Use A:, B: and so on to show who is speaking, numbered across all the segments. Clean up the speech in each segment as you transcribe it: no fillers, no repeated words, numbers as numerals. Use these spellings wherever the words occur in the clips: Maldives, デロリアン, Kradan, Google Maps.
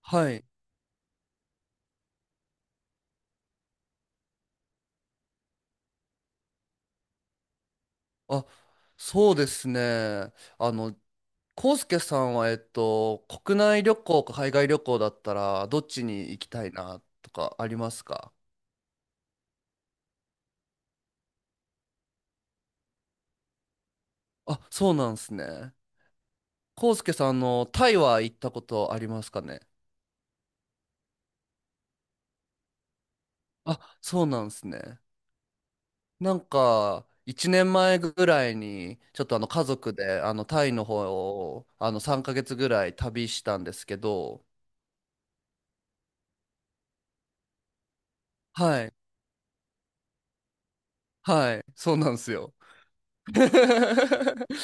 A: はい。あ、そうですね。あの、康介さんは、国内旅行か海外旅行だったら、どっちに行きたいなとかありますか？あ、そうなんですね。康介さん、タイは行ったことありますかね？あ、そうなんですね。なんか、1年前ぐらいに、ちょっと家族で、タイの方を、3ヶ月ぐらい旅したんですけど、はい、はい、そうなんですよ。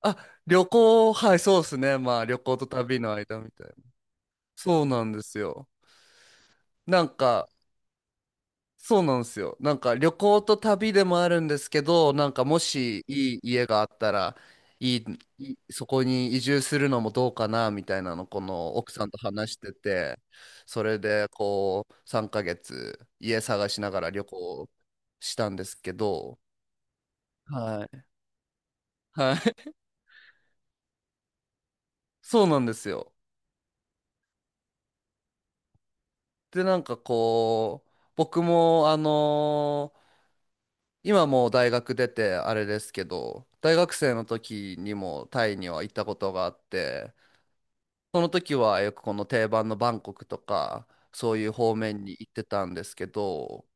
A: あ、旅行、はい、そうですね。まあ、旅行と旅の間みたいな。そうなんですよ。なんか、そうなんですよ。なんか、旅行と旅でもあるんですけど、なんか、もしいい家があったら、いい、いいそこに移住するのもどうかな、みたいなの、この奥さんと話してて、それで、こう、3ヶ月、家探しながら旅行したんですけど、はい。はい。そうなんですよ。で、なんかこう、僕も、今もう大学出てあれですけど、大学生の時にもタイには行ったことがあって、その時はよくこの定番のバンコクとか、そういう方面に行ってたんですけど、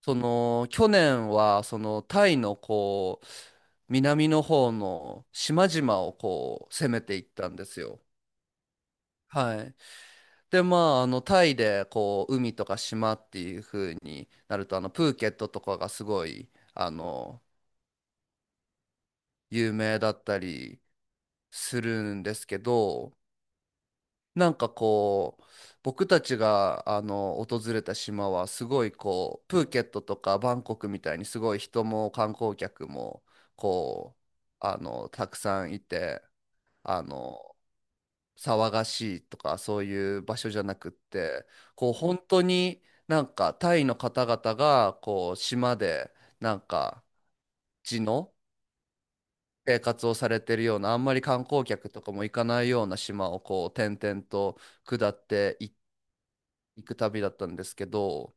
A: その去年はそのタイのこう、南の方の島々をこう攻めていったんですよ。はい。で、まあ、タイで、こう、海とか島っていう風になると、プーケットとかがすごい、あの、有名だったり、するんですけど、なんかこう、僕たちが訪れた島はすごいこう、プーケットとかバンコクみたいにすごい人も観光客もこう、たくさんいて、あの、騒がしいとかそういう場所じゃなくって、こう本当になんかタイの方々がこう島でなんか地の生活をされてるような、あんまり観光客とかも行かないような島をこう転々と下ってい行く旅だったんですけど、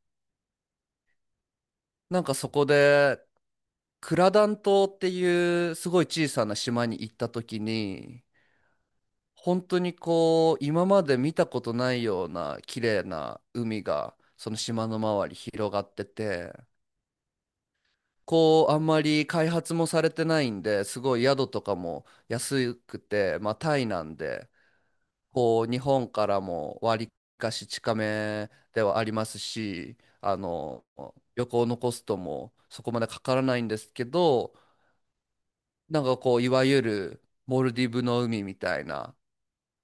A: なんかそこでクラダン島っていうすごい小さな島に行った時に、本当にこう今まで見たことないような綺麗な海がその島の周り広がってて、こうあんまり開発もされてないんですごい宿とかも安くて、まあタイなんで。こう日本からも割かし近めではありますし、旅行のコストもそこまでかからないんですけど、なんかこういわゆるモルディブの海みたいな、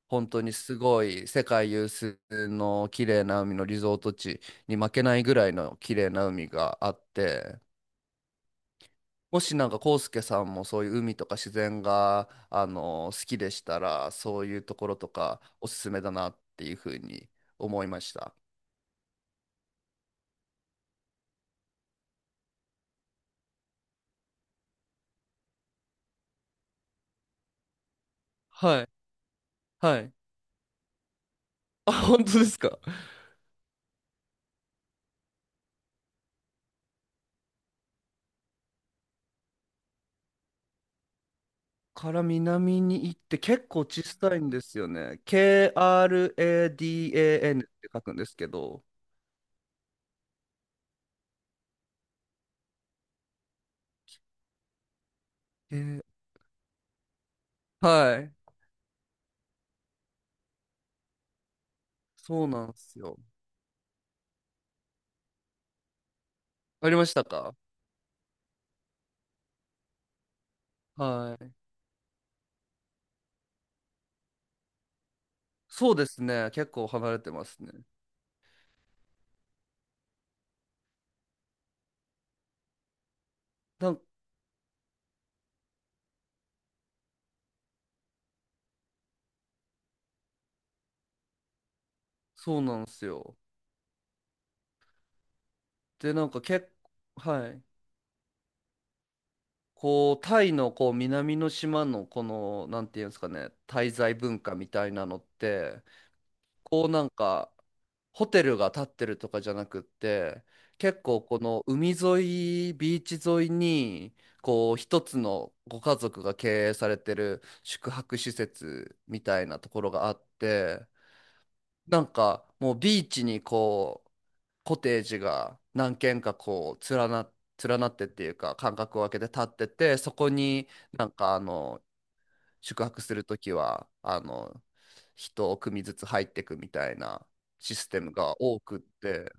A: 本当にすごい世界有数の綺麗な海のリゾート地に負けないぐらいの綺麗な海があって、もしなんかコウスケさんもそういう海とか自然が好きでしたら、そういうところとかおすすめだなっていうふうに思いました。はい、はい。あ、本当ですか。から南に行って結構小さいんですよね。KRADAN って書くんですけど。えーはい。そうなんですよ。ありましたか？はい。そうですね。結構離れてますね。なんそうなんですよ。で、なんか結構、はい。こう、タイのこう南の島のこの、なんていうんですかね、滞在文化みたいなのって、こうなんかホテルが建ってるとかじゃなくって、結構この海沿いビーチ沿いにこう一つのご家族が経営されてる宿泊施設みたいなところがあって、なんかもうビーチにこうコテージが何軒かこう連なってっていうか間隔を空けて建っててそこに、なんか宿泊するときは、人を組ずつ入っていくみたいなシステムが多くって、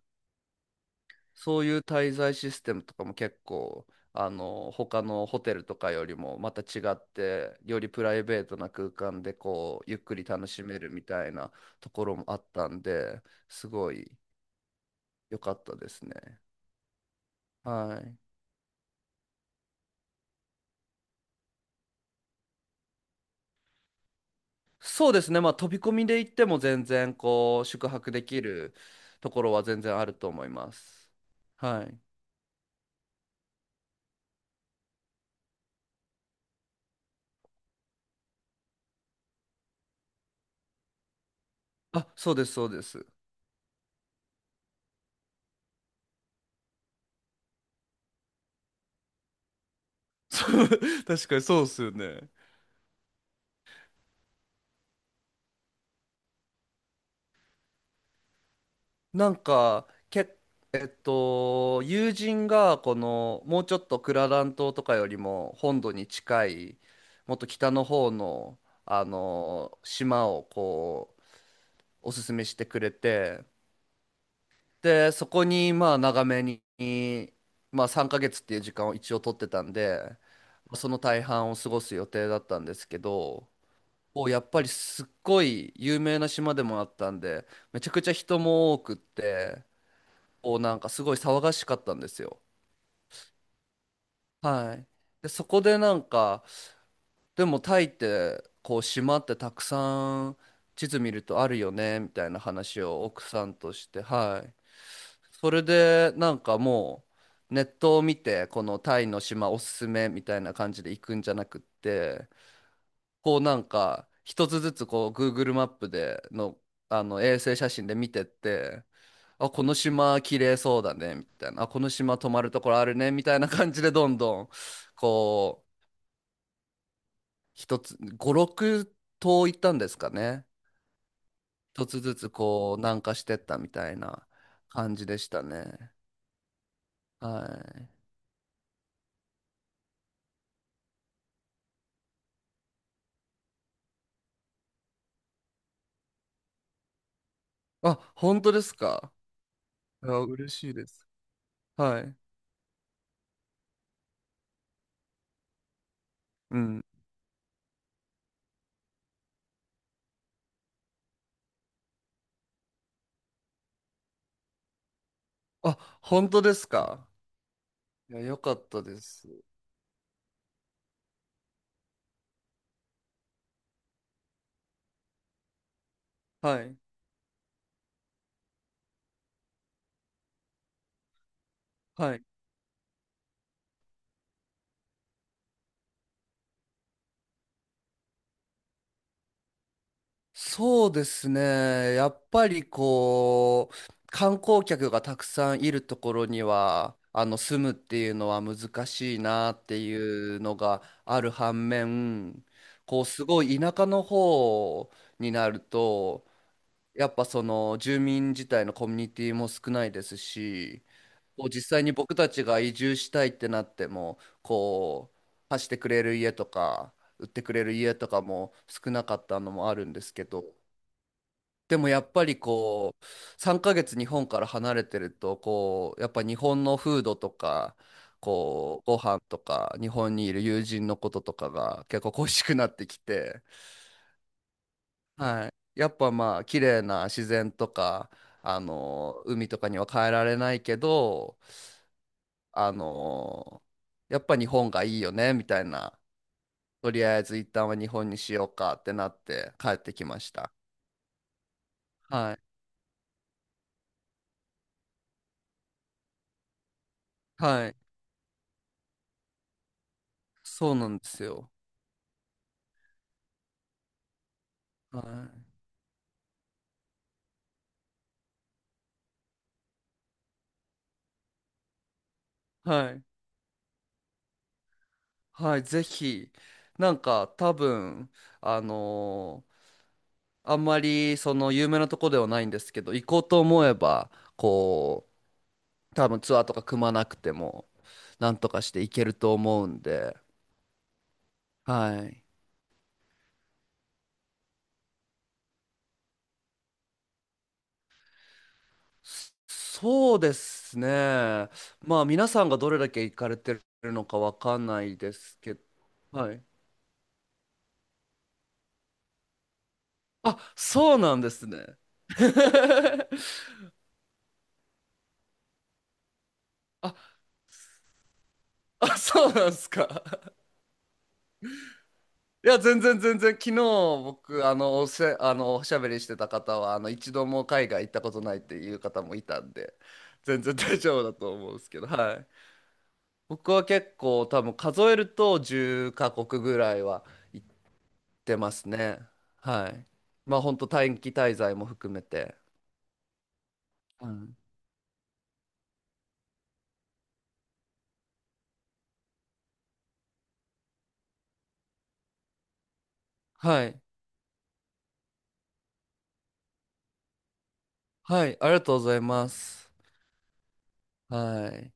A: そういう滞在システムとかも結構、他のホテルとかよりもまた違って、よりプライベートな空間でこう、ゆっくり楽しめるみたいなところもあったんで、すごい良かったですね。はい。そうですね。まあ、飛び込みで行っても全然こう、宿泊できるところは全然あると思います。はい。あ、そうです、そうです。そう 確かにそうっすよね。なんか、友人が、この、もうちょっとクララン島とかよりも本土に近い、もっと北の方の、島をこう、おすすめしてくれて、で、そこに、まあ、長めに、まあ、3ヶ月っていう時間を一応取ってたんで、その大半を過ごす予定だったんですけど、やっぱりすっごい有名な島でもあったんで、めちゃくちゃ人も多くって、なんかすごい騒がしかったんですよ。はい、でそこでなんか、でもタイってこう島ってたくさん地図見るとあるよねみたいな話を奥さんとして、はい、それでなんかもうネットを見てこのタイの島おすすめみたいな感じで行くんじゃなくって。こうなんか一つずつこう Google マップでの、あの衛星写真で見てって、あこの島綺麗そうだねみたいな、あこの島泊まるところあるねみたいな感じでどんどんこう一つ五六島行ったんですかね、一つずつこう南下してったみたいな感じでしたね。はい。あ、本当ですか？いや、嬉しいです。はい。うん。あ、本当ですか？いや、よかったです。はい。はい、そうですね。やっぱりこう、観光客がたくさんいるところには、住むっていうのは難しいなっていうのがある反面、こう、すごい田舎の方になると、やっぱその住民自体のコミュニティも少ないですし、こう実際に僕たちが移住したいってなっても、こう、貸してくれる家とか、売ってくれる家とかも少なかったのもあるんですけど、でもやっぱりこう3ヶ月日本から離れてるとこうやっぱ日本のフードとか、こうご飯とか日本にいる友人のこととかが結構恋しくなってきて、はい、やっぱまあ綺麗な自然とかあの海とかには帰られないけど、あのやっぱ日本がいいよねみたいな、とりあえず一旦は日本にしようかってなって帰ってきました。はい、はい、そうなんですよ。はいはいはい、ぜひ、なんか多分、あのーあんまりその有名なとこではないんですけど、行こうと思えば、こう、多分ツアーとか組まなくても、なんとかして行けると思うんで、はい。そうですね。まあ皆さんがどれだけ行かれてるのかわかんないですけど、はい。あ、そうなんですね。あ、あ、そうなんですか。いや、全然全然、昨日僕、あの、おせ、あの、おしゃべりしてた方は、一度も海外行ったことないっていう方もいたんで、全然 大丈夫だと思うんですけど、はい。僕は結構多分数えると10カ国ぐらいは行ってますね。はい。まあ、本当短期滞在も含めて。うん。はい。はい。ありがとうございます。はい。